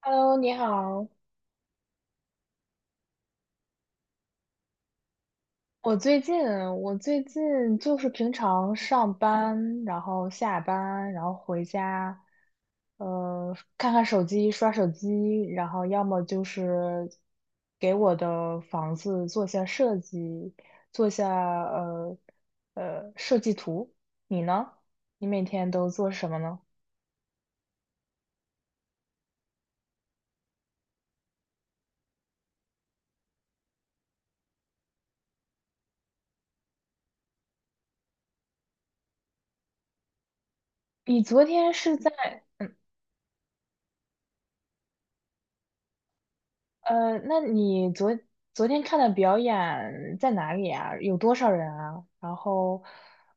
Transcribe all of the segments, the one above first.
Hello，你好。我最近，我最近就是平常上班，然后下班，然后回家，看看手机，刷手机，然后要么就是给我的房子做下设计，做下呃设计图。你呢？你每天都做什么呢？你昨天是在呃，那你昨天看的表演在哪里啊？有多少人啊？然后，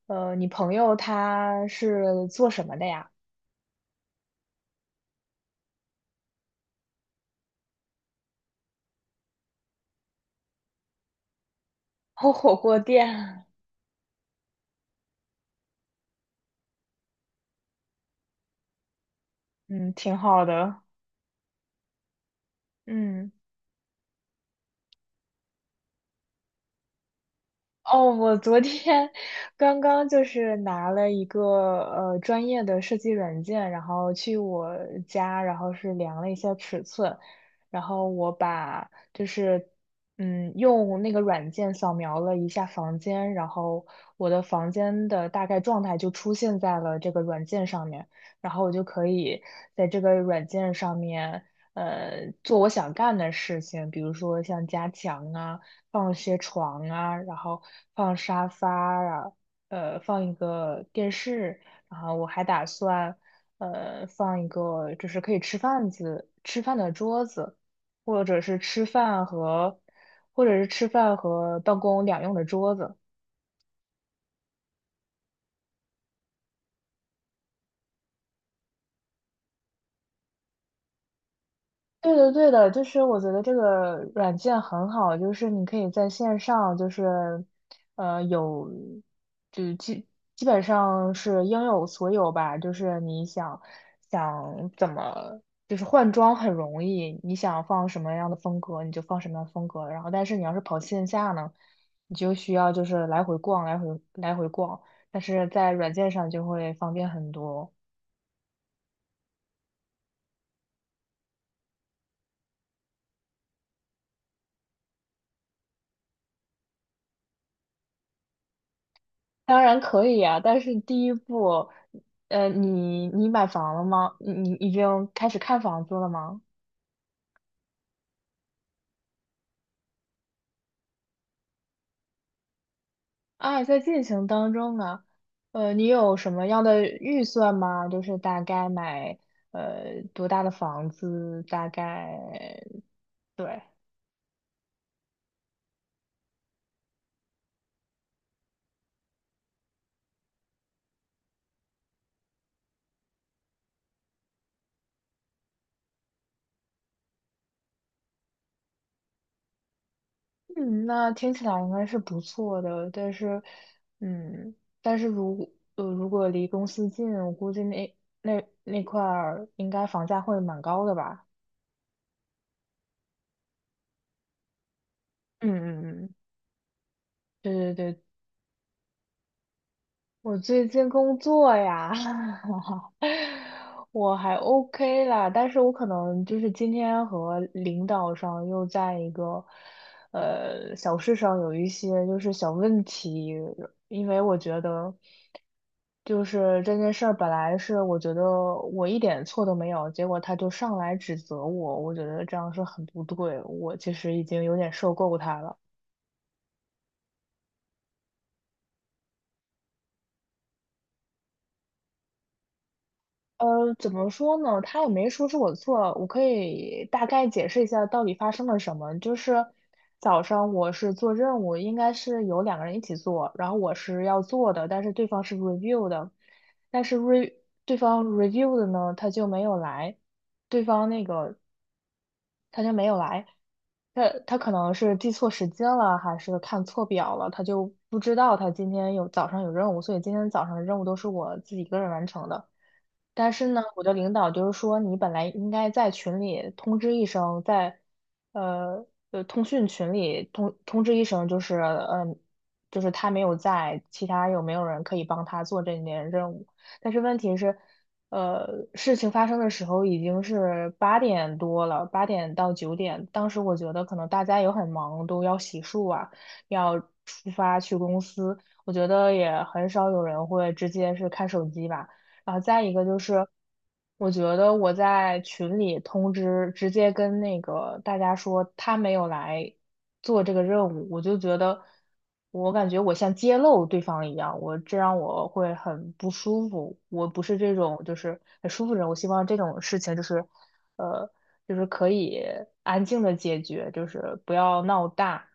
你朋友他是做什么的呀？哦，火锅店，嗯，挺好的，嗯。哦，我昨天刚刚就是拿了一个专业的设计软件，然后去我家，然后是量了一下尺寸，然后就是用那个软件扫描了一下房间，然后我的房间的大概状态就出现在了这个软件上面，然后我就可以在这个软件上面做我想干的事情，比如说像加强啊。放些床啊，然后放沙发啊，放一个电视，然后我还打算放一个就是可以吃饭的桌子，或者是吃饭和或者是吃饭和办公两用的桌子。对的，对的，就是我觉得这个软件很好，就是你可以在线上，就是有，就基本上是应有所有吧，就是你想想怎么，就是换装很容易，你想放什么样的风格你就放什么样的风格，然后但是你要是跑线下呢，你就需要就是来回逛，来回来回逛，但是在软件上就会方便很多。当然可以啊，但是第一步，你买房了吗？你已经开始看房子了吗？啊，在进行当中啊，你有什么样的预算吗？就是大概买多大的房子，大概对，嗯，那听起来应该是不错的，但是，嗯，如果离公司近，我估计那那块儿应该房价会蛮高的吧？嗯嗯嗯。对对对，我最近工作呀，我还 OK 啦，但是我可能就是今天和领导上又在一个小事上有一些就是小问题，因为我觉得就是这件事儿本来是我觉得我一点错都没有，结果他就上来指责我，我觉得这样是很不对，我其实已经有点受够他了。怎么说呢？他也没说是我错，我可以大概解释一下到底发生了什么。就是早上我是做任务，应该是有两个人一起做，然后我是要做的，但是对方是 review 的，但是 对方 review 的呢，他就没有来，对方那个他就没有来，他可能是记错时间了，还是看错表了，他就不知道他今天有早上有任务，所以今天早上的任务都是我自己一个人完成的。但是呢，我的领导就是说，你本来应该在群里通知一声，在呃通讯群里通知一声，就是就是他没有在，其他有没有人可以帮他做这件任务？但是问题是，呃，事情发生的时候已经是8点多了，8点到9点，当时我觉得可能大家也很忙，都要洗漱啊，要出发去公司，我觉得也很少有人会直接是看手机吧。然后再一个就是，我觉得我在群里通知，直接跟那个大家说他没有来做这个任务，我就觉得，我感觉我像揭露对方一样，我这让我会很不舒服。我不是这种就是很舒服的人，我希望这种事情就是，呃，可以安静的解决，就是不要闹大。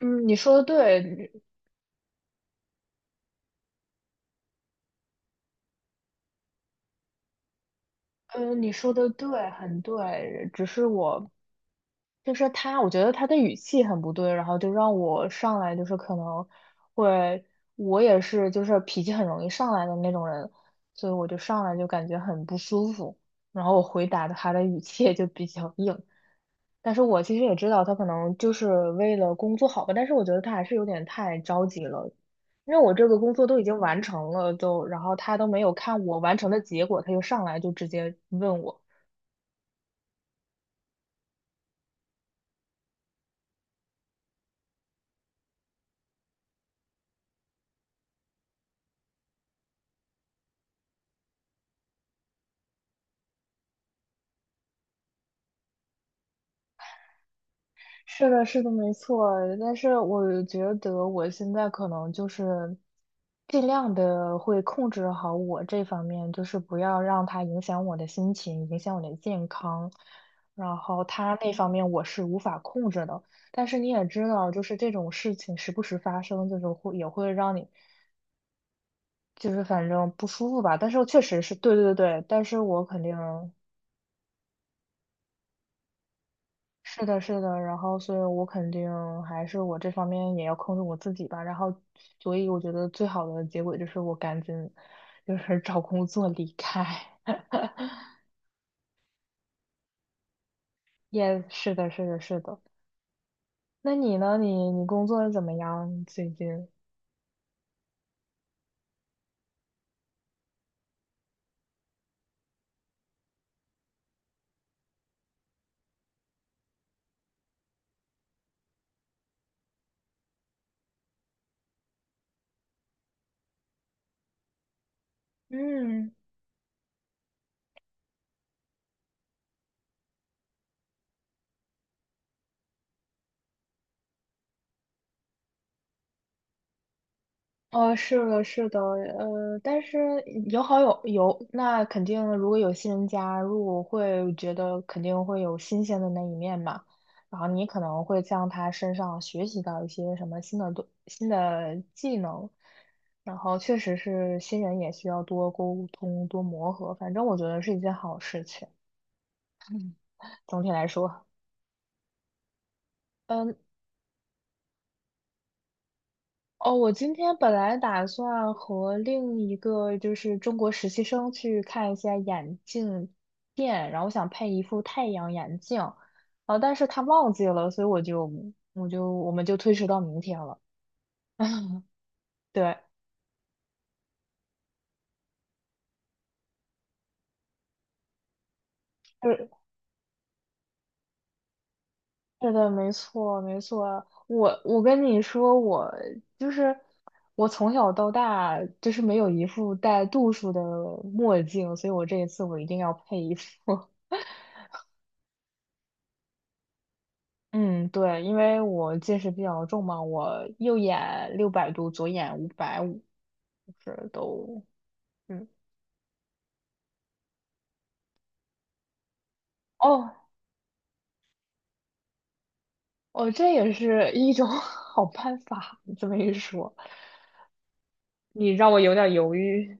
嗯，你说的对，嗯，你说的对，很对，只是我就是他，我觉得他的语气很不对，然后就让我上来就是可能会，我也是就是脾气很容易上来的那种人，所以我就上来就感觉很不舒服，然后我回答的他的语气也就比较硬，但是我其实也知道他可能就是为了工作好吧，但是我觉得他还是有点太着急了，因为我这个工作都已经完成了，都，然后他都没有看我完成的结果，他就上来就直接问我，是的，是的，没错。但是我觉得我现在可能就是尽量的会控制好我这方面，就是不要让它影响我的心情，影响我的健康。然后它那方面我是无法控制的。但是你也知道，就是这种事情时不时发生，就是也会让你就是反正不舒服吧。但是确实是对对对，但是我肯定。是的，是的，然后所以我肯定还是我这方面也要控制我自己吧，然后所以我觉得最好的结果就是我赶紧就是找工作离开。也是的，是的，是的。那你呢？你工作怎么样最近？嗯，是的，是的，但是有好有，那肯定如果有新人加入，我会觉得肯定会有新鲜的那一面嘛。然后你可能会向他身上学习到一些什么新的技能，然后确实是新人也需要多沟通、多磨合，反正我觉得是一件好事情。总体来说。嗯。哦，我今天本来打算和另一个就是中国实习生去看一下眼镜店，然后我想配一副太阳眼镜，啊，但是他忘记了，所以我们就推迟到明天了。对，是是的，没错没错。我跟你说，我就是我从小到大就是没有一副带度数的墨镜，所以我这一次我一定要配一副。嗯，对，因为我近视比较重嘛，我右眼600度，左眼550，就是都，嗯，哦，哦，这也是一种 好办法。你这么一说，你让我有点犹豫。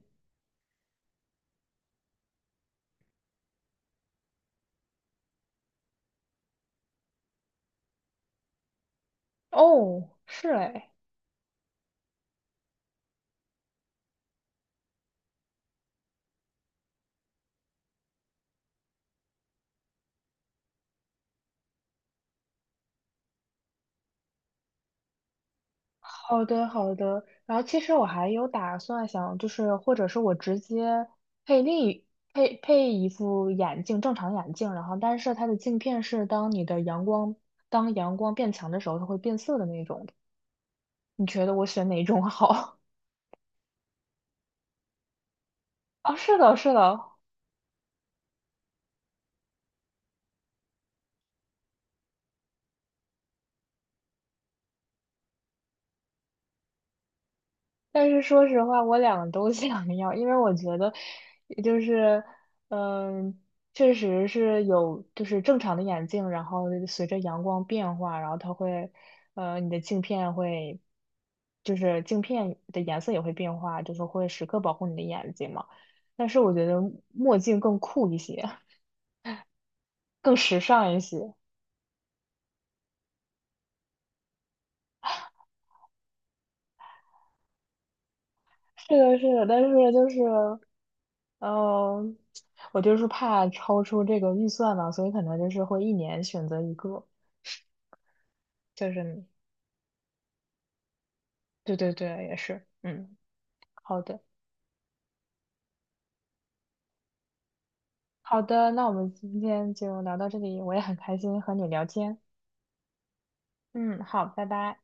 哦，是哎，好的好的。然后其实我还有打算想，就是或者是我直接配另一配一副眼镜，正常眼镜，然后但是它的镜片是当你的阳光当阳光变强的时候，它会变色的那种。你觉得我选哪种好？啊，是的，是的，但是说实话，我两个都 想要，因为我觉得，就是，嗯，确实是有，就是正常的眼镜，然后随着阳光变化，然后它会，你的镜片会，就是镜片的颜色也会变化，就是会时刻保护你的眼睛嘛。但是我觉得墨镜更酷一些，更时尚一些。是的，是的，但是就是。呃，我就是怕超出这个预算嘛，所以可能就是会一年选择一个，就是对对对，也是，嗯，好的好的，那我们今天就聊到这里，我也很开心和你聊天，嗯，好，拜拜。